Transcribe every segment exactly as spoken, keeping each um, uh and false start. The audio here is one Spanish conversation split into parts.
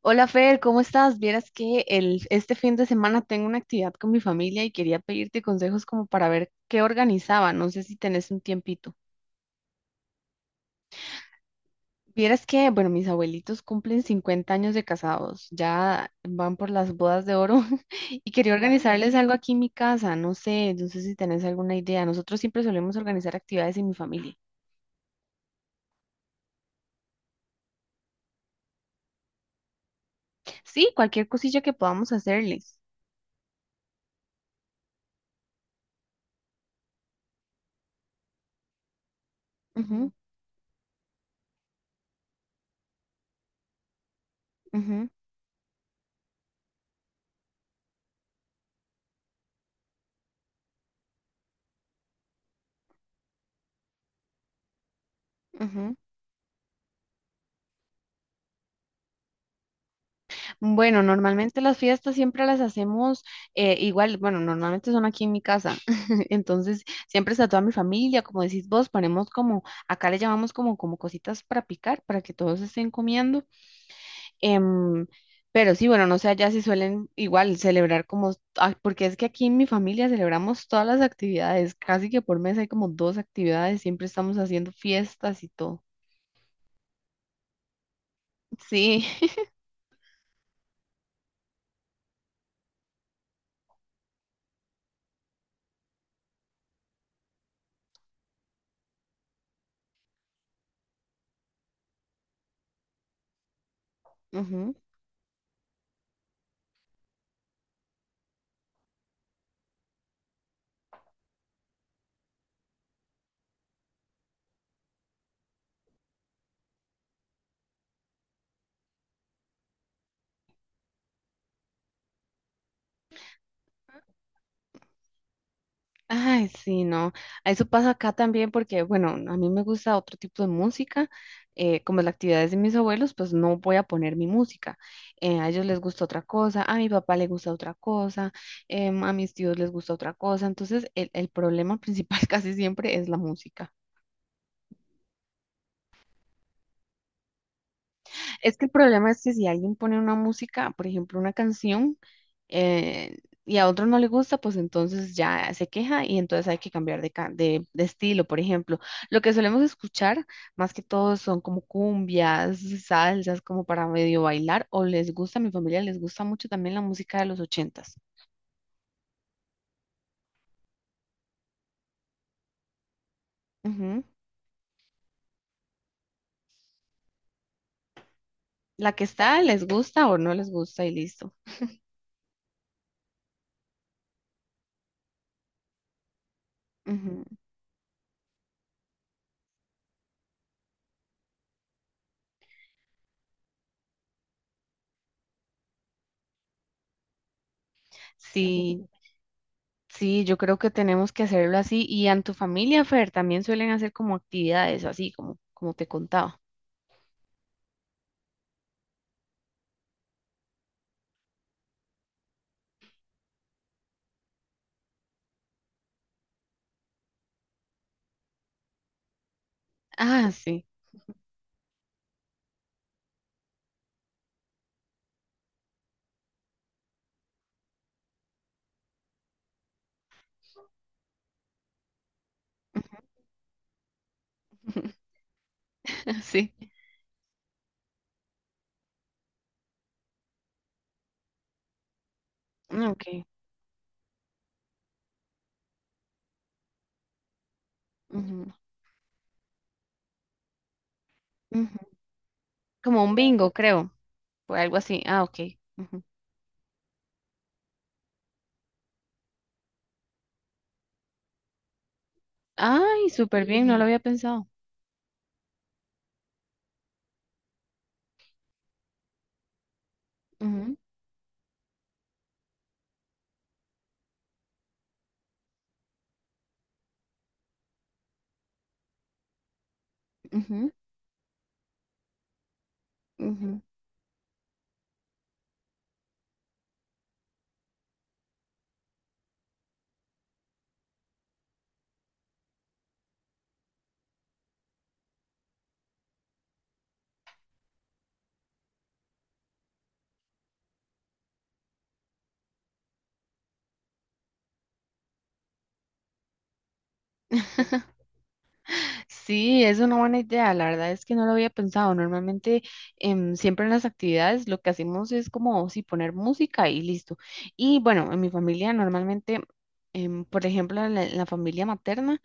Hola Fer, ¿cómo estás? Vieras que el, este fin de semana tengo una actividad con mi familia y quería pedirte consejos como para ver qué organizaba. No sé si tenés un tiempito. Vieras que, bueno, mis abuelitos cumplen cincuenta años de casados, ya van por las bodas de oro y quería Wow. organizarles algo aquí en mi casa. No sé, no sé si tenés alguna idea. Nosotros siempre solemos organizar actividades en mi familia. Sí, cualquier cosilla que podamos hacerles. Ujú, ujú, ujú. Bueno, normalmente las fiestas siempre las hacemos eh, igual, bueno, normalmente son aquí en mi casa, entonces siempre está toda mi familia, como decís vos, ponemos como, acá le llamamos como, como cositas para picar, para que todos estén comiendo, em, pero sí, bueno, no sé, allá si suelen igual celebrar como, ah, porque es que aquí en mi familia celebramos todas las actividades, casi que por mes hay como dos actividades, siempre estamos haciendo fiestas y todo. Sí. Ay, sí, no. Eso pasa acá también porque, bueno, a mí me gusta otro tipo de música. Eh, como la actividad es de mis abuelos, pues no voy a poner mi música. Eh, a ellos les gusta otra cosa, a mi papá le gusta otra cosa, em, a mis tíos les gusta otra cosa. Entonces, el, el problema principal casi siempre es la música. Es que el problema es que si alguien pone una música, por ejemplo, una canción, eh, y a otro no le gusta, pues entonces ya se queja y entonces hay que cambiar de, ca- de, de estilo, por ejemplo. Lo que solemos escuchar, más que todo, son como cumbias, salsas, como para medio bailar, o les gusta, a mi familia les gusta mucho también la música de los ochentas. Ujú. La que está, les gusta o no les gusta y listo. Ujú. Sí, sí, yo creo que tenemos que hacerlo así. Y en tu familia, Fer, ¿también suelen hacer como actividades así, como, como te contaba? Ah, sí. Sí. Ah, ok. Ujú, ujú. Como un bingo, creo. O algo así. Ah, ok. Ujú. Ay, súper bien, no lo había pensado. Ujú, ujú, ujú. Sí, es una buena idea. La verdad es que no lo había pensado. Normalmente, em, siempre en las actividades lo que hacemos es como si poner música y listo. Y bueno, en mi familia normalmente, em, por ejemplo, en la, en la familia materna,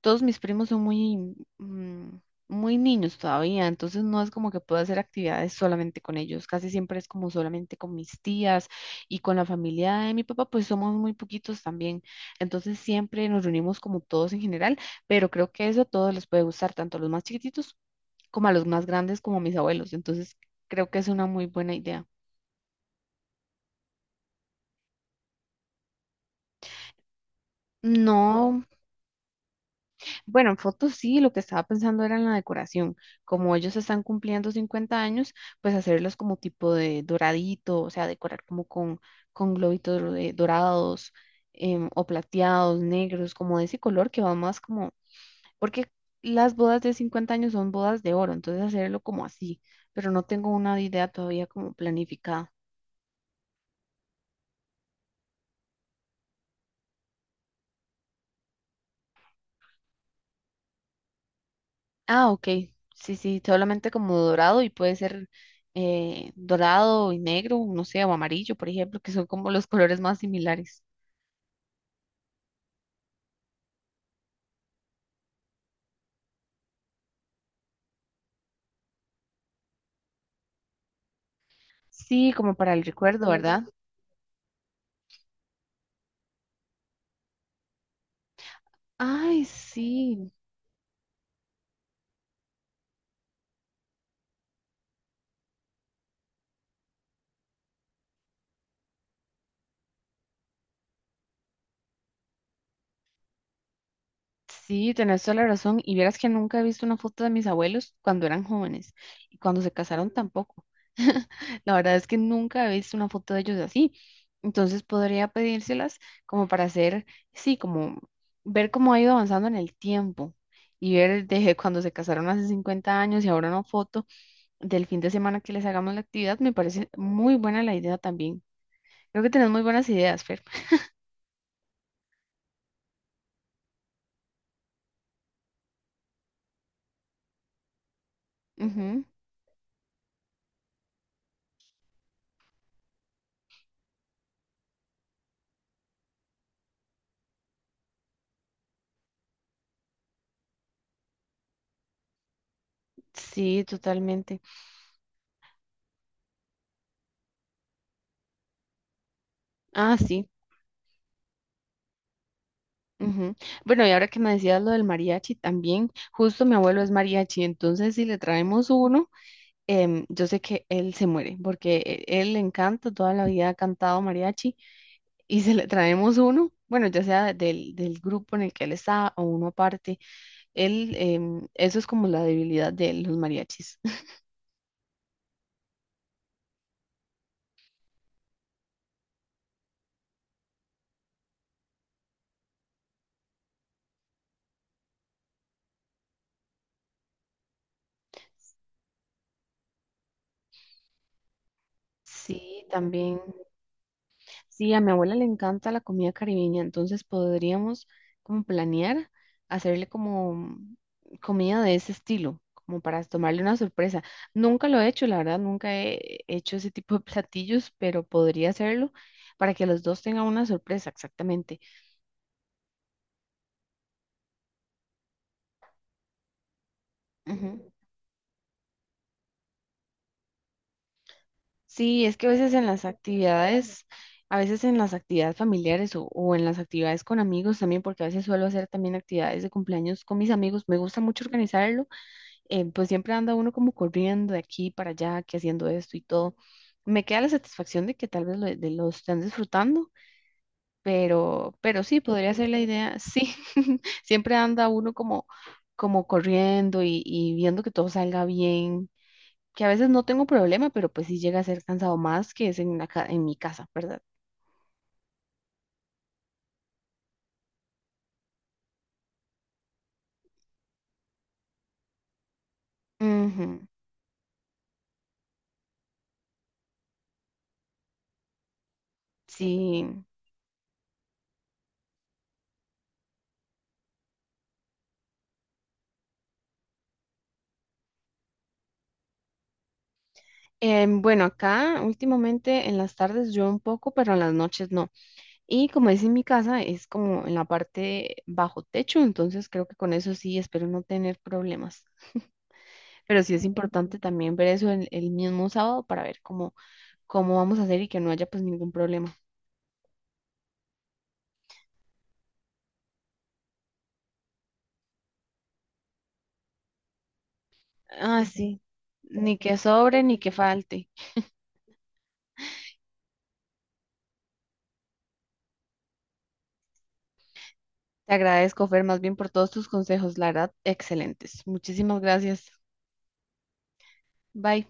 todos mis primos son muy, mm, muy niños todavía, entonces no es como que pueda hacer actividades solamente con ellos, casi siempre es como solamente con mis tías y con la familia de mi papá, pues somos muy poquitos también, entonces siempre nos reunimos como todos en general, pero creo que eso a todos les puede gustar, tanto a los más chiquititos como a los más grandes, como a mis abuelos, entonces creo que es una muy buena idea. No, bueno, en fotos sí, lo que estaba pensando era en la decoración. Como ellos están cumpliendo cincuenta años, pues hacerlos como tipo de doradito, o sea, decorar como con, con globitos do- de dorados em, o plateados, negros, como de ese color que va más como, porque las bodas de cincuenta años son bodas de oro, entonces hacerlo como así, pero no tengo una idea todavía como planificada. Ah, ok. Sí, sí, solamente como dorado y puede ser eh, dorado y negro, no sé, o amarillo, por ejemplo, que son como los colores más similares. Sí, como para el recuerdo, sí. ¿Verdad? Ay, sí, sí, tenés toda la razón. Y vieras que nunca he visto una foto de mis abuelos cuando eran jóvenes y cuando se casaron tampoco. La verdad es que nunca he visto una foto de ellos así. Entonces podría pedírselas como para hacer, sí, como ver cómo ha ido avanzando en el tiempo y ver desde cuando se casaron hace cincuenta años y ahora una foto del fin de semana que les hagamos la actividad. Me parece muy buena la idea también. Creo que tenés muy buenas ideas, Fer. Ujú. Sí, totalmente. Ah, sí. Ujú. Bueno, y ahora que me decías lo del mariachi también, justo mi abuelo es mariachi, entonces si le traemos uno, em, yo sé que él se muere, porque e- él le encanta, toda la vida ha cantado mariachi, y si le traemos uno, bueno, ya sea del, del grupo en el que él está o uno aparte, él, em, eso es como la debilidad de él, los mariachis. Sí, también. Sí, a mi abuela le encanta la comida caribeña, entonces podríamos como planear hacerle como comida de ese estilo, como para tomarle una sorpresa. Nunca lo he hecho, la verdad, nunca he hecho ese tipo de platillos, pero podría hacerlo para que los dos tengan una sorpresa, exactamente. Ujú. Sí, es que a veces en las actividades, a veces en las actividades familiares o, o en las actividades con amigos también, porque a veces suelo hacer también actividades de cumpleaños con mis amigos, me gusta mucho organizarlo, eh, pues siempre anda uno como corriendo de aquí para allá, que haciendo esto y todo. Me queda la satisfacción de que tal vez lo, de lo están disfrutando, pero, pero sí, podría ser la idea. Sí, siempre anda uno como, como corriendo y, y viendo que todo salga bien, que a veces no tengo problema, pero pues sí llega a ser cansado más que es en, la ca- en mi casa, ¿verdad? Ujú, sí. Em, bueno, acá últimamente en las tardes yo un poco, pero en las noches no. Y como es en mi casa, es como en la parte bajo techo, entonces creo que con eso sí espero no tener problemas. Pero sí es importante también ver eso el, el mismo sábado para ver cómo, cómo vamos a hacer y que no haya pues ningún problema. Ah, sí, ni que sobre ni que falte. Te agradezco, Fer, más bien por todos tus consejos, la verdad, excelentes. Muchísimas gracias. Bye.